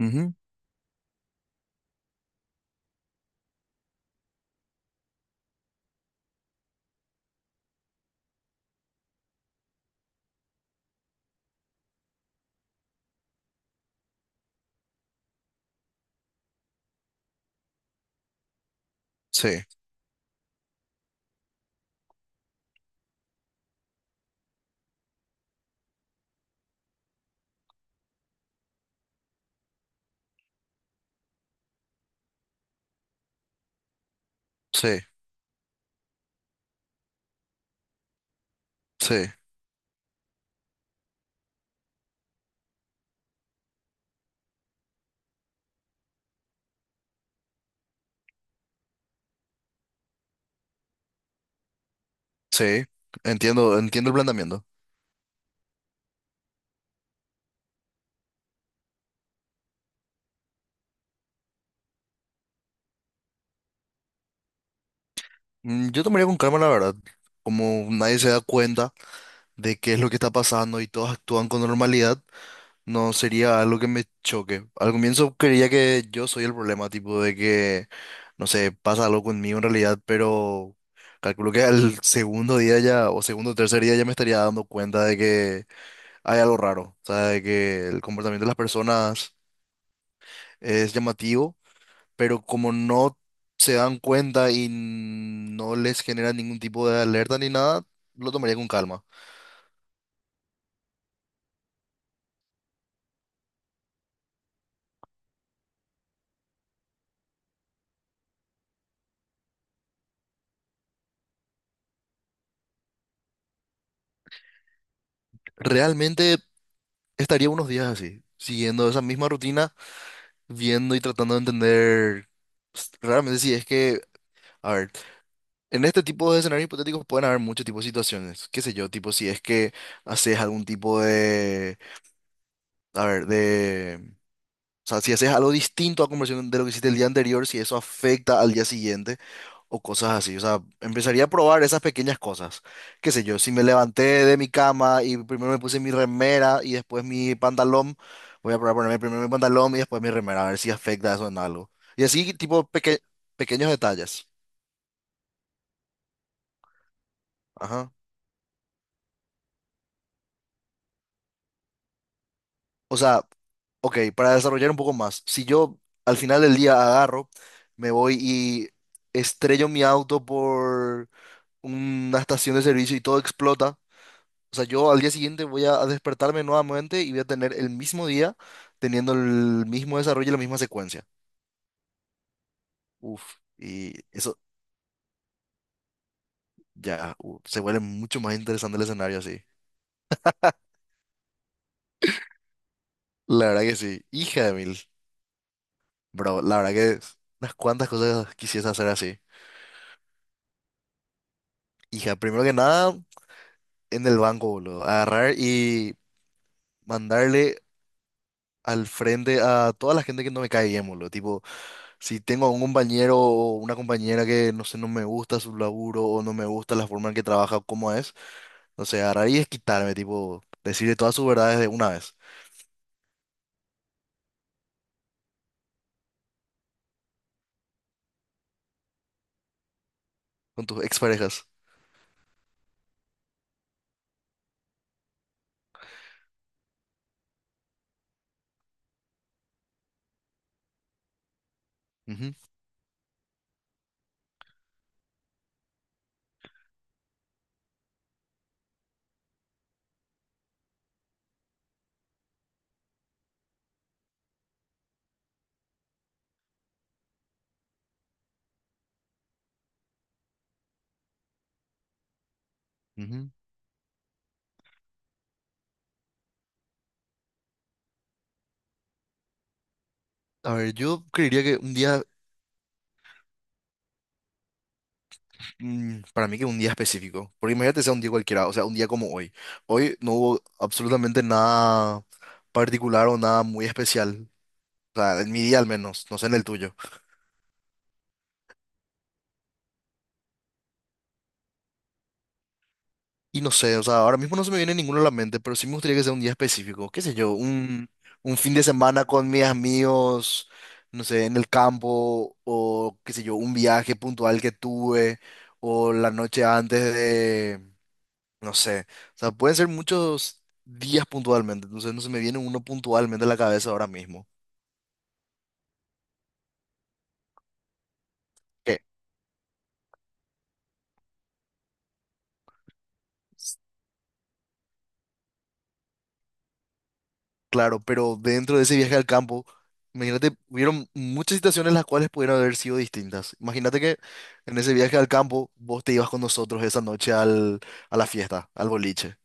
Ujú. Sí, sí, sí, sí. Entiendo el planteamiento. Yo tomaría con calma, la verdad. Como nadie se da cuenta de qué es lo que está pasando y todos actúan con normalidad, no sería algo que me choque. Al comienzo creía que yo soy el problema, tipo de que, no sé, pasa algo conmigo en realidad, pero calculo que al segundo día ya, o segundo o tercer día ya me estaría dando cuenta de que hay algo raro. O sea, de que el comportamiento de las personas es llamativo, pero como no se dan cuenta y no les genera ningún tipo de alerta ni nada, lo tomaría con calma. Realmente estaría unos días así, siguiendo esa misma rutina, viendo y tratando de entender realmente si es que, a ver, en este tipo de escenarios hipotéticos pueden haber muchos tipos de situaciones, qué sé yo, tipo si es que haces algún tipo de, a ver, o sea, si haces algo distinto a conversión de lo que hiciste el día anterior, si eso afecta al día siguiente o cosas así. O sea, empezaría a probar esas pequeñas cosas. Qué sé yo, si me levanté de mi cama y primero me puse mi remera y después mi pantalón, voy a probar ponerme primero mi pantalón y después mi remera, a ver si afecta eso en algo. Y así, tipo, pequeños detalles. Ajá. O sea, ok, para desarrollar un poco más, si yo al final del día agarro, me voy y estrello mi auto por una estación de servicio y todo explota. O sea, yo al día siguiente voy a despertarme nuevamente y voy a tener el mismo día teniendo el mismo desarrollo y la misma secuencia. Uf, y eso ya se vuelve mucho más interesante el escenario así. La verdad que sí. Hija de mil. Bro, la verdad que unas cuantas cosas quisiese hacer así. Hija, primero que nada, en el banco, boludo. Agarrar y mandarle al frente a toda la gente que no me cae bien, boludo. Tipo, si tengo un compañero o una compañera que, no sé, no me gusta su laburo o no me gusta la forma en que trabaja, cómo es, no sé, agarrar y quitarme, tipo, decirle todas sus verdades de una vez con tus exparejas. Ujú, ujú. A ver, yo creería que un día, mm, para mí que un día específico, porque imagínate sea un día cualquiera, o sea, un día como hoy. Hoy no hubo absolutamente nada particular o nada muy especial, o sea, en mi día al menos, no sé en el tuyo. Y no sé, o sea, ahora mismo no se me viene ninguno a la mente, pero sí me gustaría que sea un día específico, qué sé yo, un fin de semana con mis amigos, no sé, en el campo, o qué sé yo, un viaje puntual que tuve, o la noche antes de, no sé, o sea, pueden ser muchos días puntualmente, entonces no se me viene uno puntualmente a la cabeza ahora mismo. ¿Qué? Claro, pero dentro de ese viaje al campo, imagínate, hubieron muchas situaciones las cuales pudieron haber sido distintas. Imagínate que en ese viaje al campo vos te ibas con nosotros esa noche al, a la fiesta, al boliche.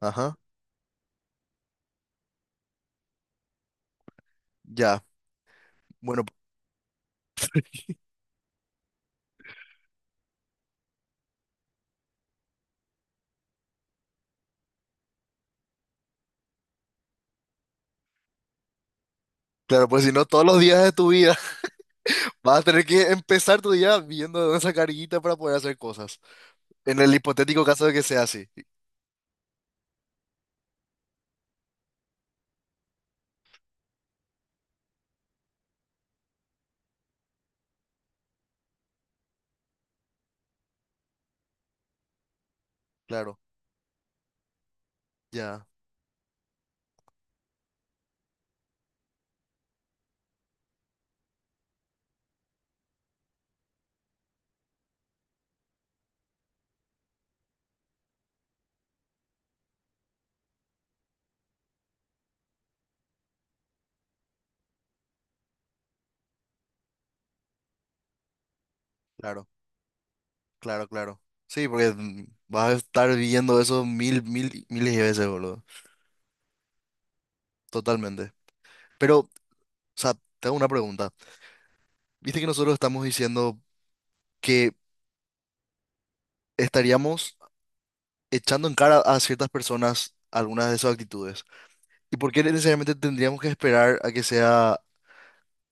Ajá, ya. Bueno, claro, pues si no, todos los días de tu vida vas a tener que empezar tu día viendo esa carguita para poder hacer cosas. En el hipotético caso de que sea así. Claro, ya, claro, claro. Sí, porque vas a estar viendo eso miles de veces, boludo. Totalmente. Pero o sea, te hago una pregunta. Viste que nosotros estamos diciendo que estaríamos echando en cara a ciertas personas algunas de sus actitudes. ¿Y por qué necesariamente tendríamos que esperar a que sea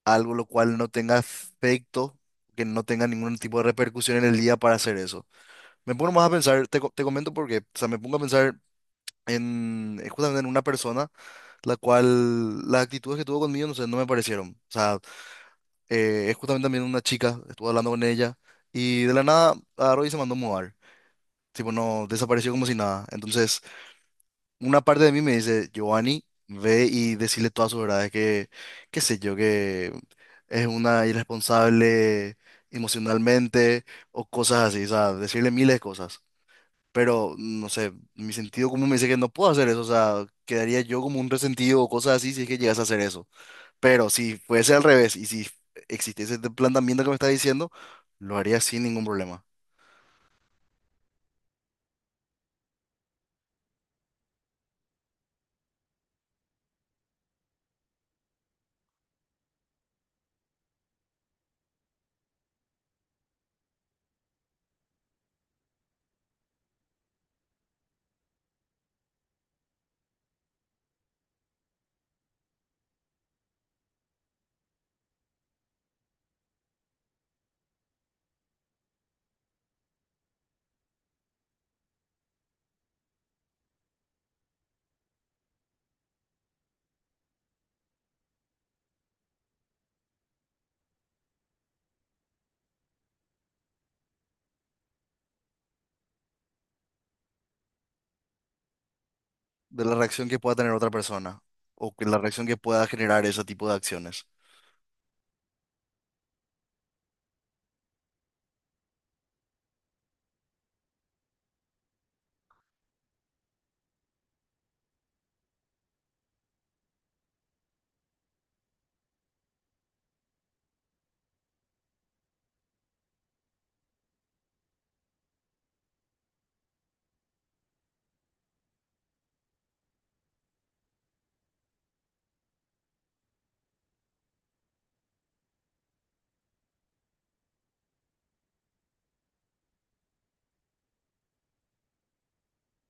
algo lo cual no tenga efecto, que no tenga ningún tipo de repercusión en el día para hacer eso? Me pongo más a pensar, te comento por qué. O sea, me pongo a pensar en justamente en una persona la cual las actitudes que tuvo conmigo, no sé, no me parecieron. O sea, es justamente también una chica, estuve hablando con ella y de la nada agarró y se mandó a mudar. Tipo, no, desapareció como si nada. Entonces, una parte de mí me dice, Giovanni, ve y decirle todas sus verdades, que, qué sé yo, que es una irresponsable emocionalmente o cosas así, o sea, decirle miles de cosas. Pero, no sé, mi sentido común me dice que no puedo hacer eso, o sea, quedaría yo como un resentido o cosas así si es que llegas a hacer eso. Pero si fuese al revés y si existiese este planteamiento que me está diciendo, lo haría sin ningún problema. De la reacción que pueda tener otra persona o que la reacción que pueda generar ese tipo de acciones.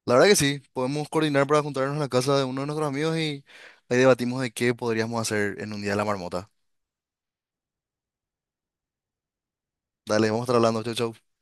La verdad que sí, podemos coordinar para juntarnos en la casa de uno de nuestros amigos y ahí debatimos de qué podríamos hacer en un día de la marmota. Dale, vamos a estar hablando, chau, chau.